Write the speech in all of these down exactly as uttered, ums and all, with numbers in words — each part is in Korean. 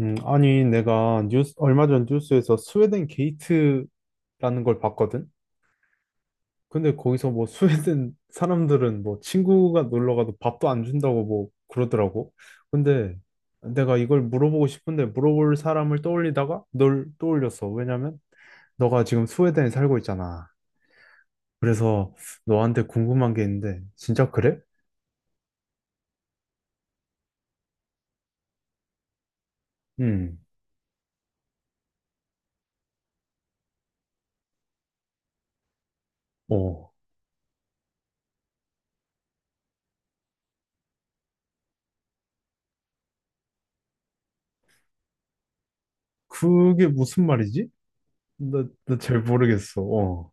음, 아니, 내가 뉴스, 얼마 전 뉴스에서 스웨덴 게이트라는 걸 봤거든? 근데 거기서 뭐 스웨덴 사람들은 뭐 친구가 놀러 가도 밥도 안 준다고 뭐 그러더라고. 근데 내가 이걸 물어보고 싶은데 물어볼 사람을 떠올리다가 널 떠올렸어. 왜냐면 너가 지금 스웨덴에 살고 있잖아. 그래서 너한테 궁금한 게 있는데, 진짜 그래? 음, 어. 그게 무슨 말이지? 나, 나 잘 모르겠어. 어,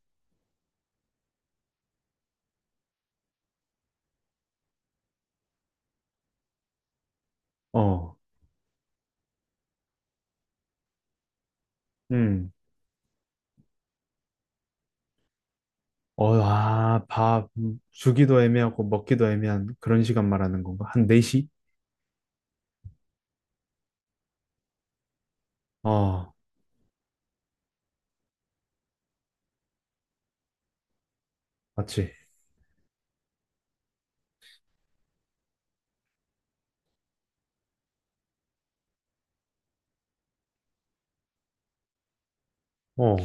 어, 응. 어, 아, 밥 주기도 애매하고 먹기도 애매한 그런 시간 말하는 건가? 한 네 시? 어, 맞지? 어.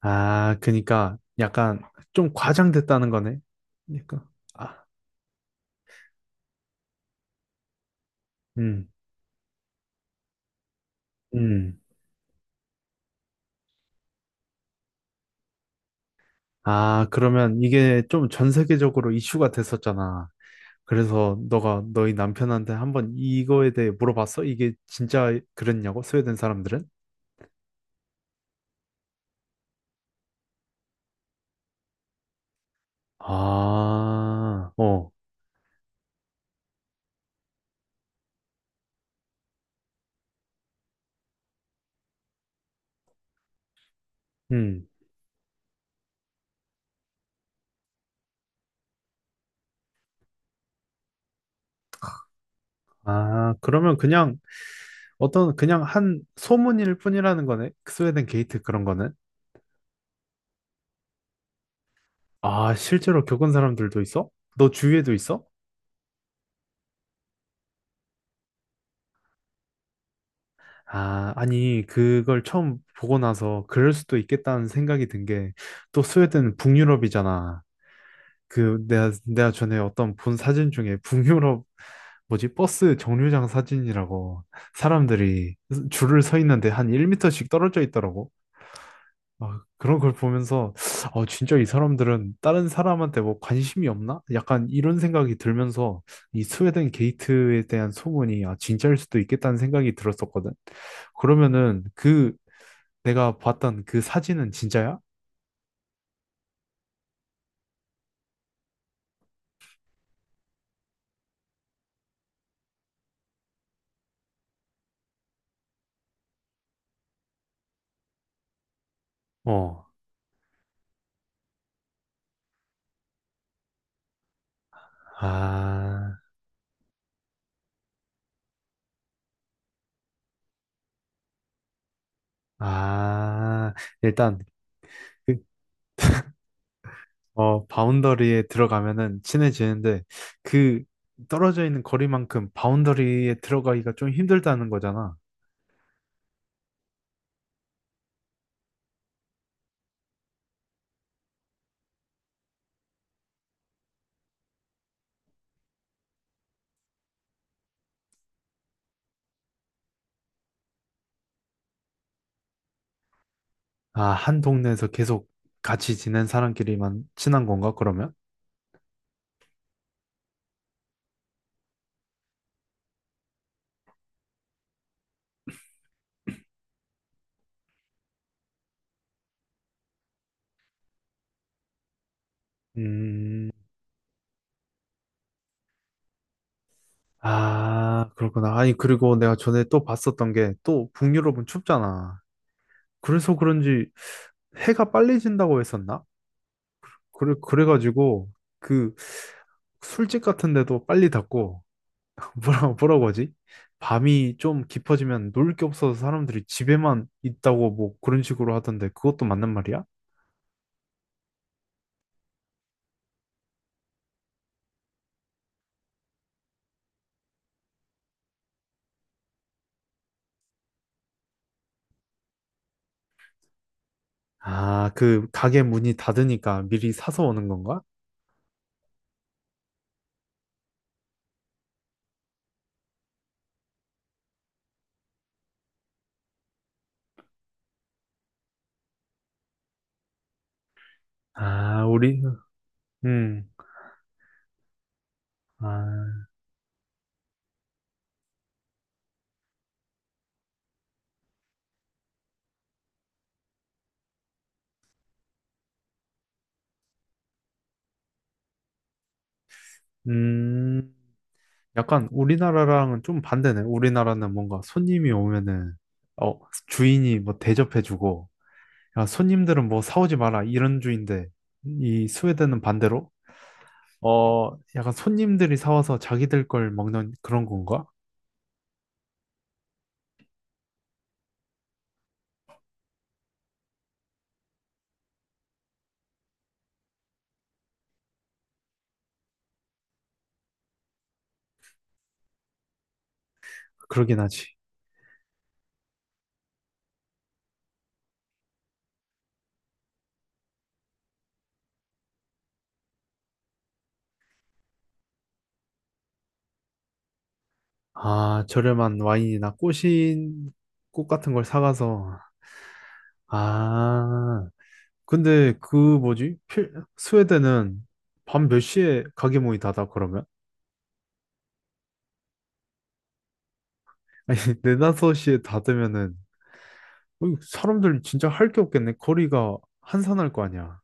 아, 그니까 약간 좀 과장됐다는 거네. 그러니까 아, 음, 음. 아, 그러면 이게 좀 전 세계적으로 이슈가 됐었잖아. 그래서 너가 너희 남편한테 한번 이거에 대해 물어봤어? 이게 진짜 그랬냐고? 스웨덴 사람들은? 아, 어, 음. 아, 그러면 그냥 어떤 그냥 한 소문일 뿐이라는 거네. 스웨덴 게이트 그런 거는. 아, 실제로 겪은 사람들도 있어? 너 주위에도 있어? 아, 아니, 그걸 처음 보고 나서 그럴 수도 있겠다는 생각이 든 게, 또 스웨덴은 북유럽이잖아. 그, 내가, 내가 전에 어떤 본 사진 중에 북유럽, 뭐지, 버스 정류장 사진이라고 사람들이 줄을 서 있는데 한 일 미터씩 떨어져 있더라고. 아, 그런 걸 보면서, 어, 진짜 이 사람들은 다른 사람한테 뭐 관심이 없나? 약간 이런 생각이 들면서 이 스웨덴 게이트에 대한 소문이, 아, 진짜일 수도 있겠다는 생각이 들었었거든. 그러면은 그 내가 봤던 그 사진은 진짜야? 어, 아, 아, 일단, 그, 어, 바운더리에 들어가면은 친해지는데 그 떨어져 있는 거리만큼 바운더리에 들어가기가 좀 힘들다는 거잖아. 아, 한 동네에서 계속 같이 지낸 사람끼리만 친한 건가, 그러면? 음, 아, 그렇구나. 아니, 그리고 내가 전에 또 봤었던 게 또 북유럽은 춥잖아. 그래서 그런지 해가 빨리 진다고 했었나? 그래, 그래가지고 그 술집 같은 데도 빨리 닫고, 뭐라고, 뭐라고 하지? 밤이 좀 깊어지면 놀 게 없어서 사람들이 집에만 있다고 뭐 그런 식으로 하던데 그것도 맞는 말이야? 아, 그 가게 문이 닫으니까 미리 사서 오는 건가? 아, 우리, 음, 아, 음, 약간 우리나라랑은 좀 반대네. 우리나라는 뭔가 손님이 오면은, 어, 주인이 뭐 대접해주고, 야, 손님들은 뭐 사오지 마라, 이런 주인데, 이 스웨덴은 반대로, 어, 약간 손님들이 사와서 자기들 걸 먹는 그런 건가? 그러긴 하지. 아, 저렴한 와인이나 꽃인, 꽃 같은 걸 사가서, 아, 근데 그 뭐지? 필- 스웨덴은 밤 몇 시에 가게 문이 닫아 그러면? 아니 네 다섯 시에 닫으면은 어이, 사람들 진짜 할 게 없겠네. 거리가 한산할 거 아니야.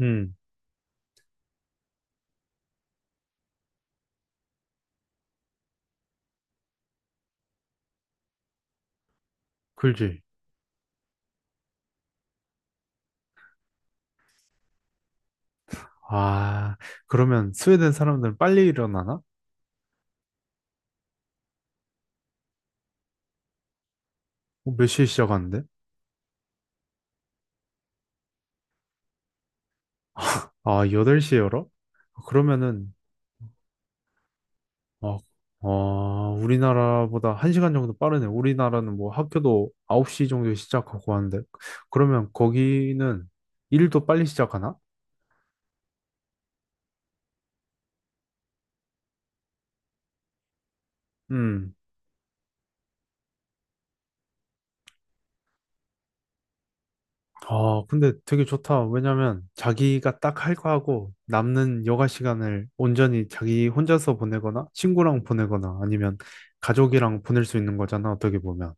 음, 그지. 아, 그러면 스웨덴 사람들은 빨리 일어나나? 어, 몇 시에 시작하는데? 아, 여덟 시에 열어? 그러면은 어, 어, 우리나라보다 한 시간 정도 빠르네. 우리나라는 뭐 학교도 아홉 시 정도에 시작하고 하는데 그러면 거기는 일도 빨리 시작하나? 음. 아, 근데 되게 좋다. 왜냐면 자기가 딱 할 거 하고 남는 여가 시간을 온전히 자기 혼자서 보내거나 친구랑 보내거나 아니면 가족이랑 보낼 수 있는 거잖아, 어떻게 보면.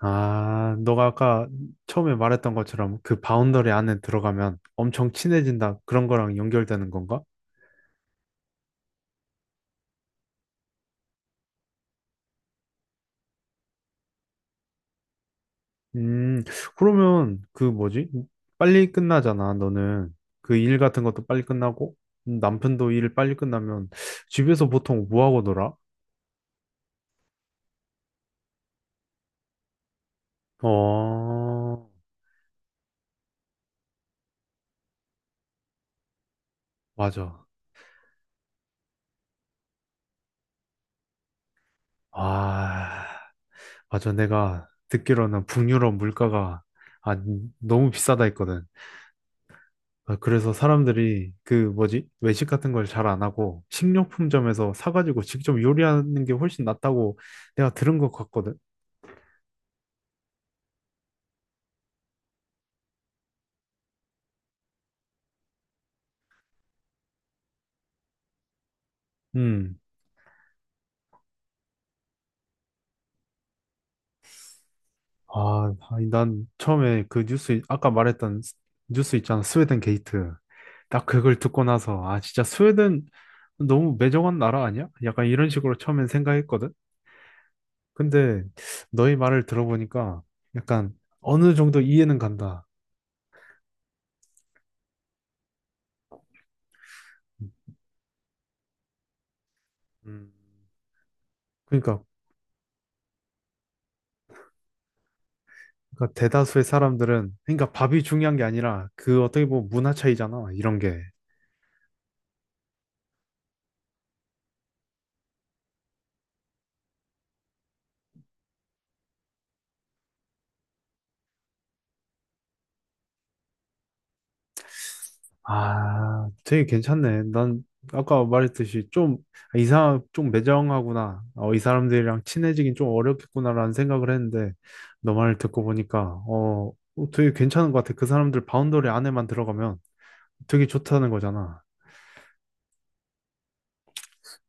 아, 너가 아까 처음에 말했던 것처럼 그 바운더리 안에 들어가면 엄청 친해진다. 그런 거랑 연결되는 건가? 음, 그러면 그 뭐지? 빨리 끝나잖아, 너는. 그 일 같은 것도 빨리 끝나고 남편도 일 빨리 끝나면 집에서 보통 뭐 하고 놀아? 어, 맞아. 아, 맞아. 내가 듣기로는 북유럽 물가가 아, 너무 비싸다 했거든. 아, 그래서 사람들이 그 뭐지? 외식 같은 걸 잘 안 하고 식료품점에서 사가지고 직접 요리하는 게 훨씬 낫다고 내가 들은 것 같거든. 음. 아, 아니, 난 처음에 그 뉴스, 아까 말했던 스- 뉴스 있잖아. 스웨덴 게이트. 딱 그걸 듣고 나서, 아, 진짜 스웨덴 너무 매정한 나라 아니야? 약간 이런 식으로 처음엔 생각했거든. 근데 너의 말을 들어보니까 약간 어느 정도 이해는 간다. 음, 그러니까, 그러니까, 대다수의 사람들은 그러니까 밥이 중요한 게 아니라 그 어떻게 보면 문화 차이잖아. 이런 게. 아, 되게 괜찮네. 난 아까 말했듯이 좀 이상 좀 매정하구나. 어, 이 사람들이랑 친해지긴 좀 어렵겠구나라는 생각을 했는데 너 말을 듣고 보니까 어, 어, 되게 괜찮은 것 같아. 그 사람들 바운더리 안에만 들어가면 되게 좋다는 거잖아.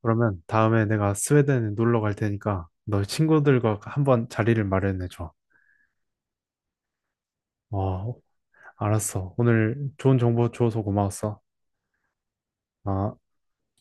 그러면 다음에 내가 스웨덴에 놀러 갈 테니까 너 친구들과 한번 자리를 마련해줘. 어, 알았어. 오늘 좋은 정보 줘서 고마웠어. 어.